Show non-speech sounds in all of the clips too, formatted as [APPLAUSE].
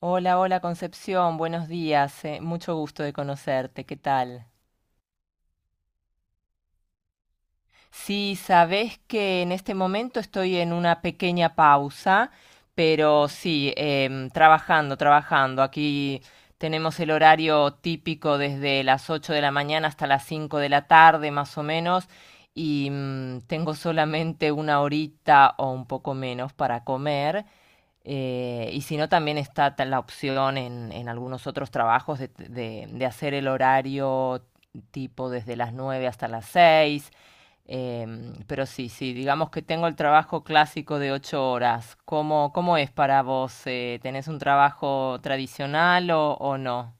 Hola, hola Concepción, buenos días, mucho gusto de conocerte, ¿qué tal? Sí, sabes que en este momento estoy en una pequeña pausa, pero sí, trabajando, trabajando. Aquí tenemos el horario típico desde las 8 de la mañana hasta las 5 de la tarde, más o menos, y tengo solamente una horita o un poco menos para comer. Y si no, también está la opción en algunos otros trabajos de hacer el horario tipo desde las 9 hasta las 6. Pero sí, sí, digamos que tengo el trabajo clásico de 8 horas. ¿Cómo, cómo es para vos? ¿Tenés un trabajo tradicional o no?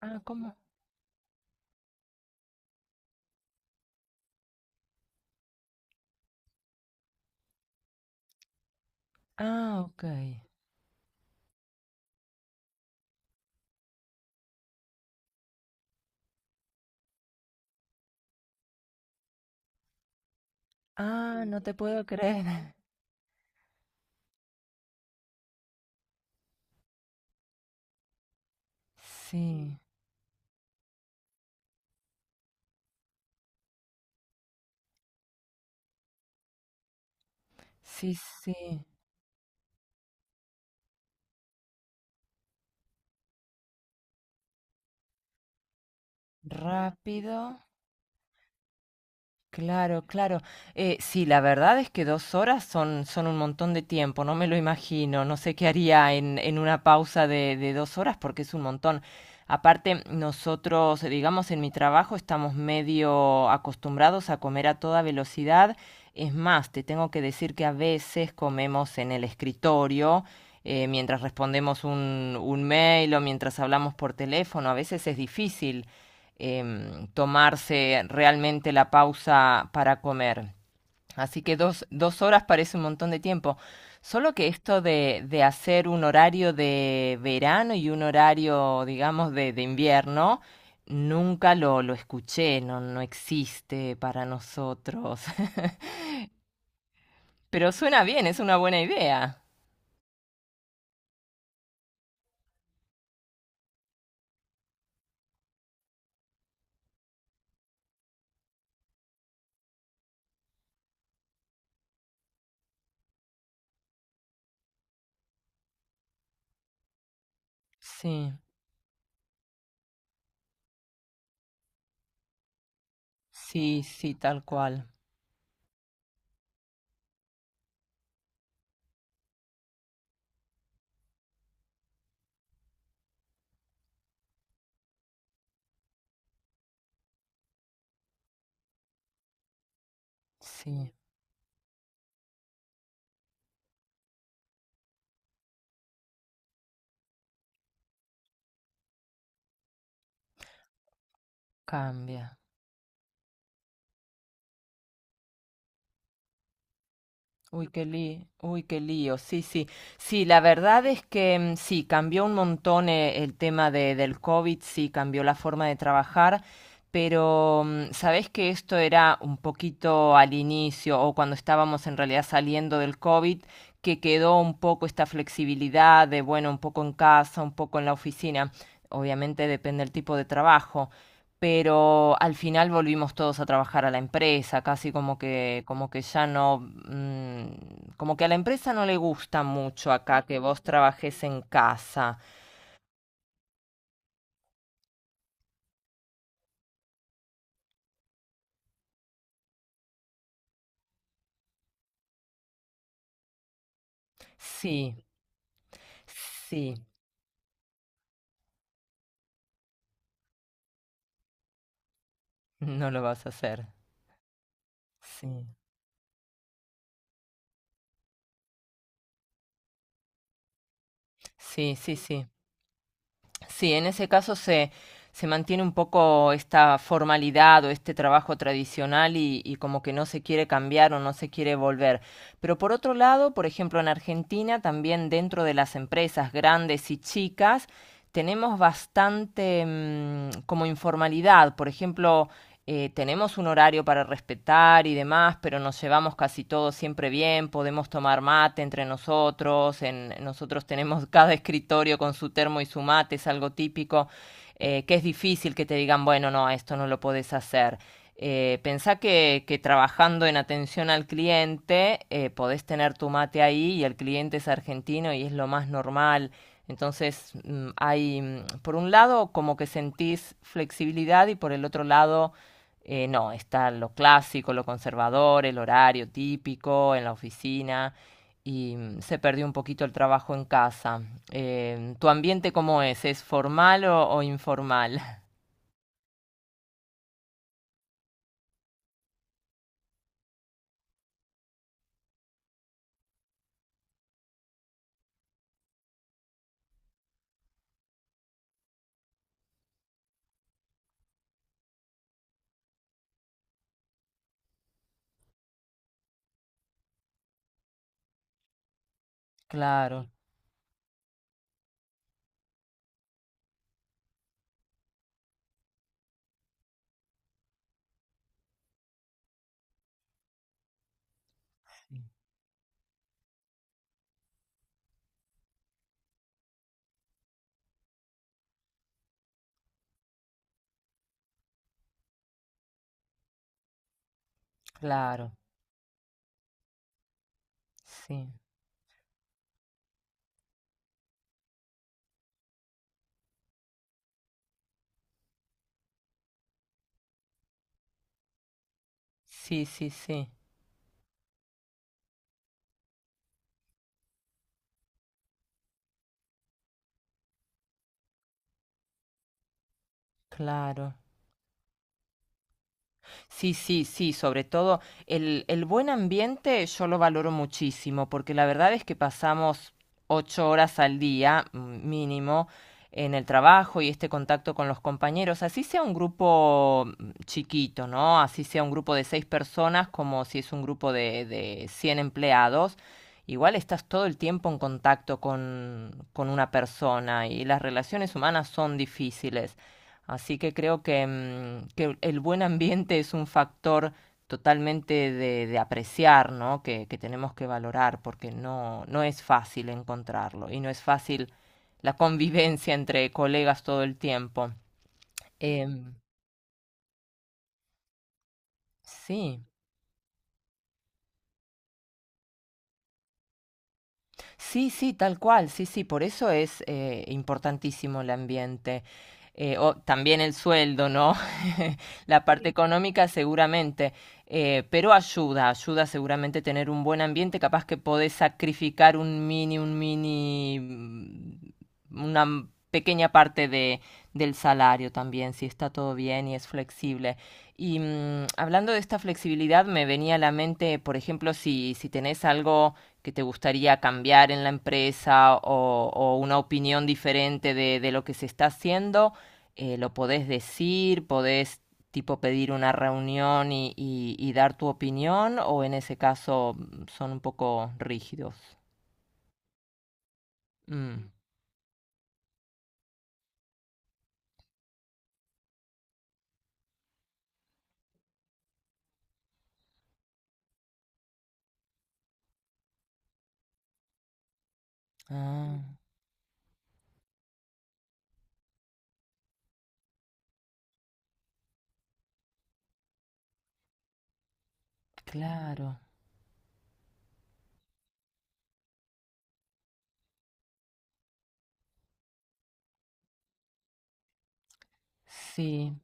Ah, ¿cómo? Ah, ok. Ah, no te puedo creer. [LAUGHS] Sí, sí, sí. Rápido. Claro, claro. Sí, la verdad es que 2 horas son, son un montón de tiempo, no me lo imagino, no sé qué haría en una pausa de 2 horas porque es un montón. Aparte, nosotros, digamos, en mi trabajo estamos medio acostumbrados a comer a toda velocidad. Es más, te tengo que decir que a veces comemos en el escritorio, mientras respondemos un mail o mientras hablamos por teléfono. A veces es difícil tomarse realmente la pausa para comer. Así que 2, 2 horas parece un montón de tiempo. Solo que esto de hacer un horario de verano y un horario, digamos, de invierno, nunca lo escuché, no, no existe para nosotros. [LAUGHS] Pero suena bien, es una buena idea. Sí, sí, sí, tal cual. Sí, cambia. Uy, qué lío, sí, sí, sí, la verdad es que sí, cambió un montón el tema de, del COVID, sí, cambió la forma de trabajar, pero sabés que esto era un poquito al inicio o cuando estábamos en realidad saliendo del COVID, que quedó un poco esta flexibilidad de, bueno, un poco en casa, un poco en la oficina, obviamente depende del tipo de trabajo, pero al final volvimos todos a trabajar a la empresa, casi como que ya no, como que a la empresa no le gusta mucho acá que vos trabajes en casa. Sí, sí, no lo vas a hacer. Sí, sí, sí, sí. Sí, en ese caso se mantiene un poco esta formalidad o este trabajo tradicional y como que no se quiere cambiar o no se quiere volver. Pero por otro lado, por ejemplo, en Argentina, también dentro de las empresas grandes y chicas, tenemos bastante como informalidad. Por ejemplo, tenemos un horario para respetar y demás, pero nos llevamos casi todos siempre bien, podemos tomar mate entre nosotros, nosotros tenemos [LAUGHS] cada escritorio con su termo y su mate, es algo típico, que es difícil que te digan, bueno, no, esto no lo podés hacer. Pensá que trabajando en atención al cliente podés tener tu mate ahí y el cliente es argentino y es lo más normal. Entonces por un lado, como que sentís flexibilidad y por el otro lado, no, está lo clásico, lo conservador, el horario típico en la oficina y se perdió un poquito el trabajo en casa. ¿Tu ambiente cómo es? ¿Es formal o informal? [LAUGHS] Claro, claro, sí, sí, sí, sí, claro. Sí, sí, sí, sobre todo el buen ambiente yo lo valoro muchísimo, porque la verdad es que pasamos 8 horas al día mínimo en el trabajo y este contacto con los compañeros, así sea un grupo chiquito, ¿no? Así sea un grupo de 6 personas, como si es un grupo de 100 empleados, igual estás todo el tiempo en contacto con una persona y las relaciones humanas son difíciles. Así que creo que, que el buen ambiente es un factor totalmente de apreciar, ¿no? Que tenemos que valorar porque no, no es fácil encontrarlo y no es fácil la convivencia entre colegas todo el tiempo. Em, sí. Sí, sí, tal cual, sí, sí, por eso es importantísimo el ambiente. O también el sueldo, ¿no? [LAUGHS] La parte Sí, económica seguramente, pero ayuda, ayuda seguramente tener un buen ambiente, capaz que podés sacrificar un mini, una pequeña parte de, del salario también, si está todo bien y es flexible. Y hablando de esta flexibilidad, me venía a la mente, por ejemplo, si, si tenés algo que te gustaría cambiar en la empresa o una opinión diferente de lo que se está haciendo, lo podés decir, podés tipo pedir una reunión y dar tu opinión o en ese caso son un poco rígidos. Mm. Ah, claro. Sí.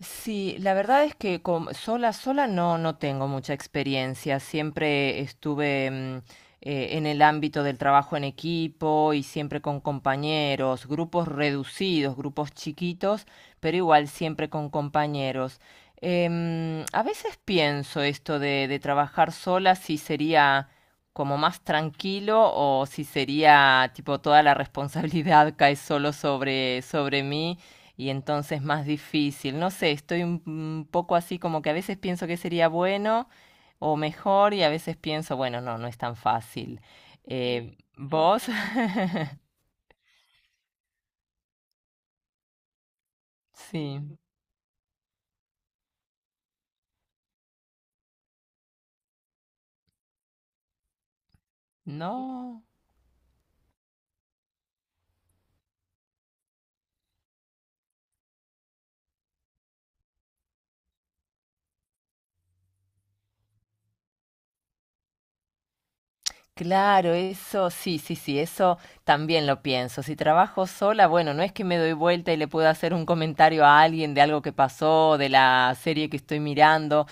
Sí, la verdad es que sola, sola no, no tengo mucha experiencia. Siempre estuve en el ámbito del trabajo en equipo y siempre con compañeros, grupos reducidos, grupos chiquitos, pero igual siempre con compañeros. A veces pienso esto de trabajar sola, si sería como más tranquilo o si sería tipo toda la responsabilidad [LAUGHS] cae solo sobre, sobre mí y entonces más difícil. No sé, estoy un poco así como que a veces pienso que sería bueno o mejor y a veces pienso, bueno, no, no es tan fácil. ¿Vos? [LAUGHS] Sí, no. Claro, eso, sí, sí, sí, eso también lo pienso. Si trabajo sola, bueno, no es que me doy vuelta y le puedo hacer un comentario a alguien de algo que pasó, de la serie que estoy mirando.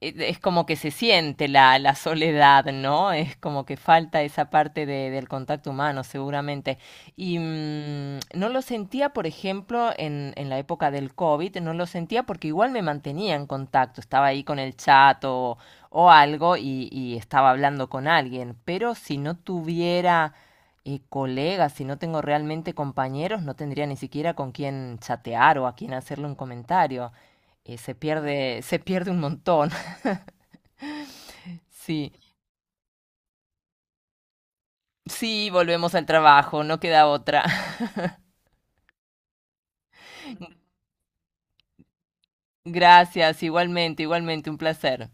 Es como que se siente la soledad, ¿no? Es como que falta esa parte de- del contacto humano, seguramente. Y no lo sentía, por ejemplo, en la época del COVID, no lo sentía porque igual me mantenía en contacto, estaba ahí con el chat o algo y estaba hablando con alguien, pero si no tuviera... colegas, si no tengo realmente compañeros, no tendría ni siquiera con quién chatear o a quién hacerle un comentario. Se pierde, se pierde un montón. [LAUGHS] Sí, sí, volvemos al trabajo, no queda otra. [LAUGHS] Gracias, igualmente, igualmente, un placer.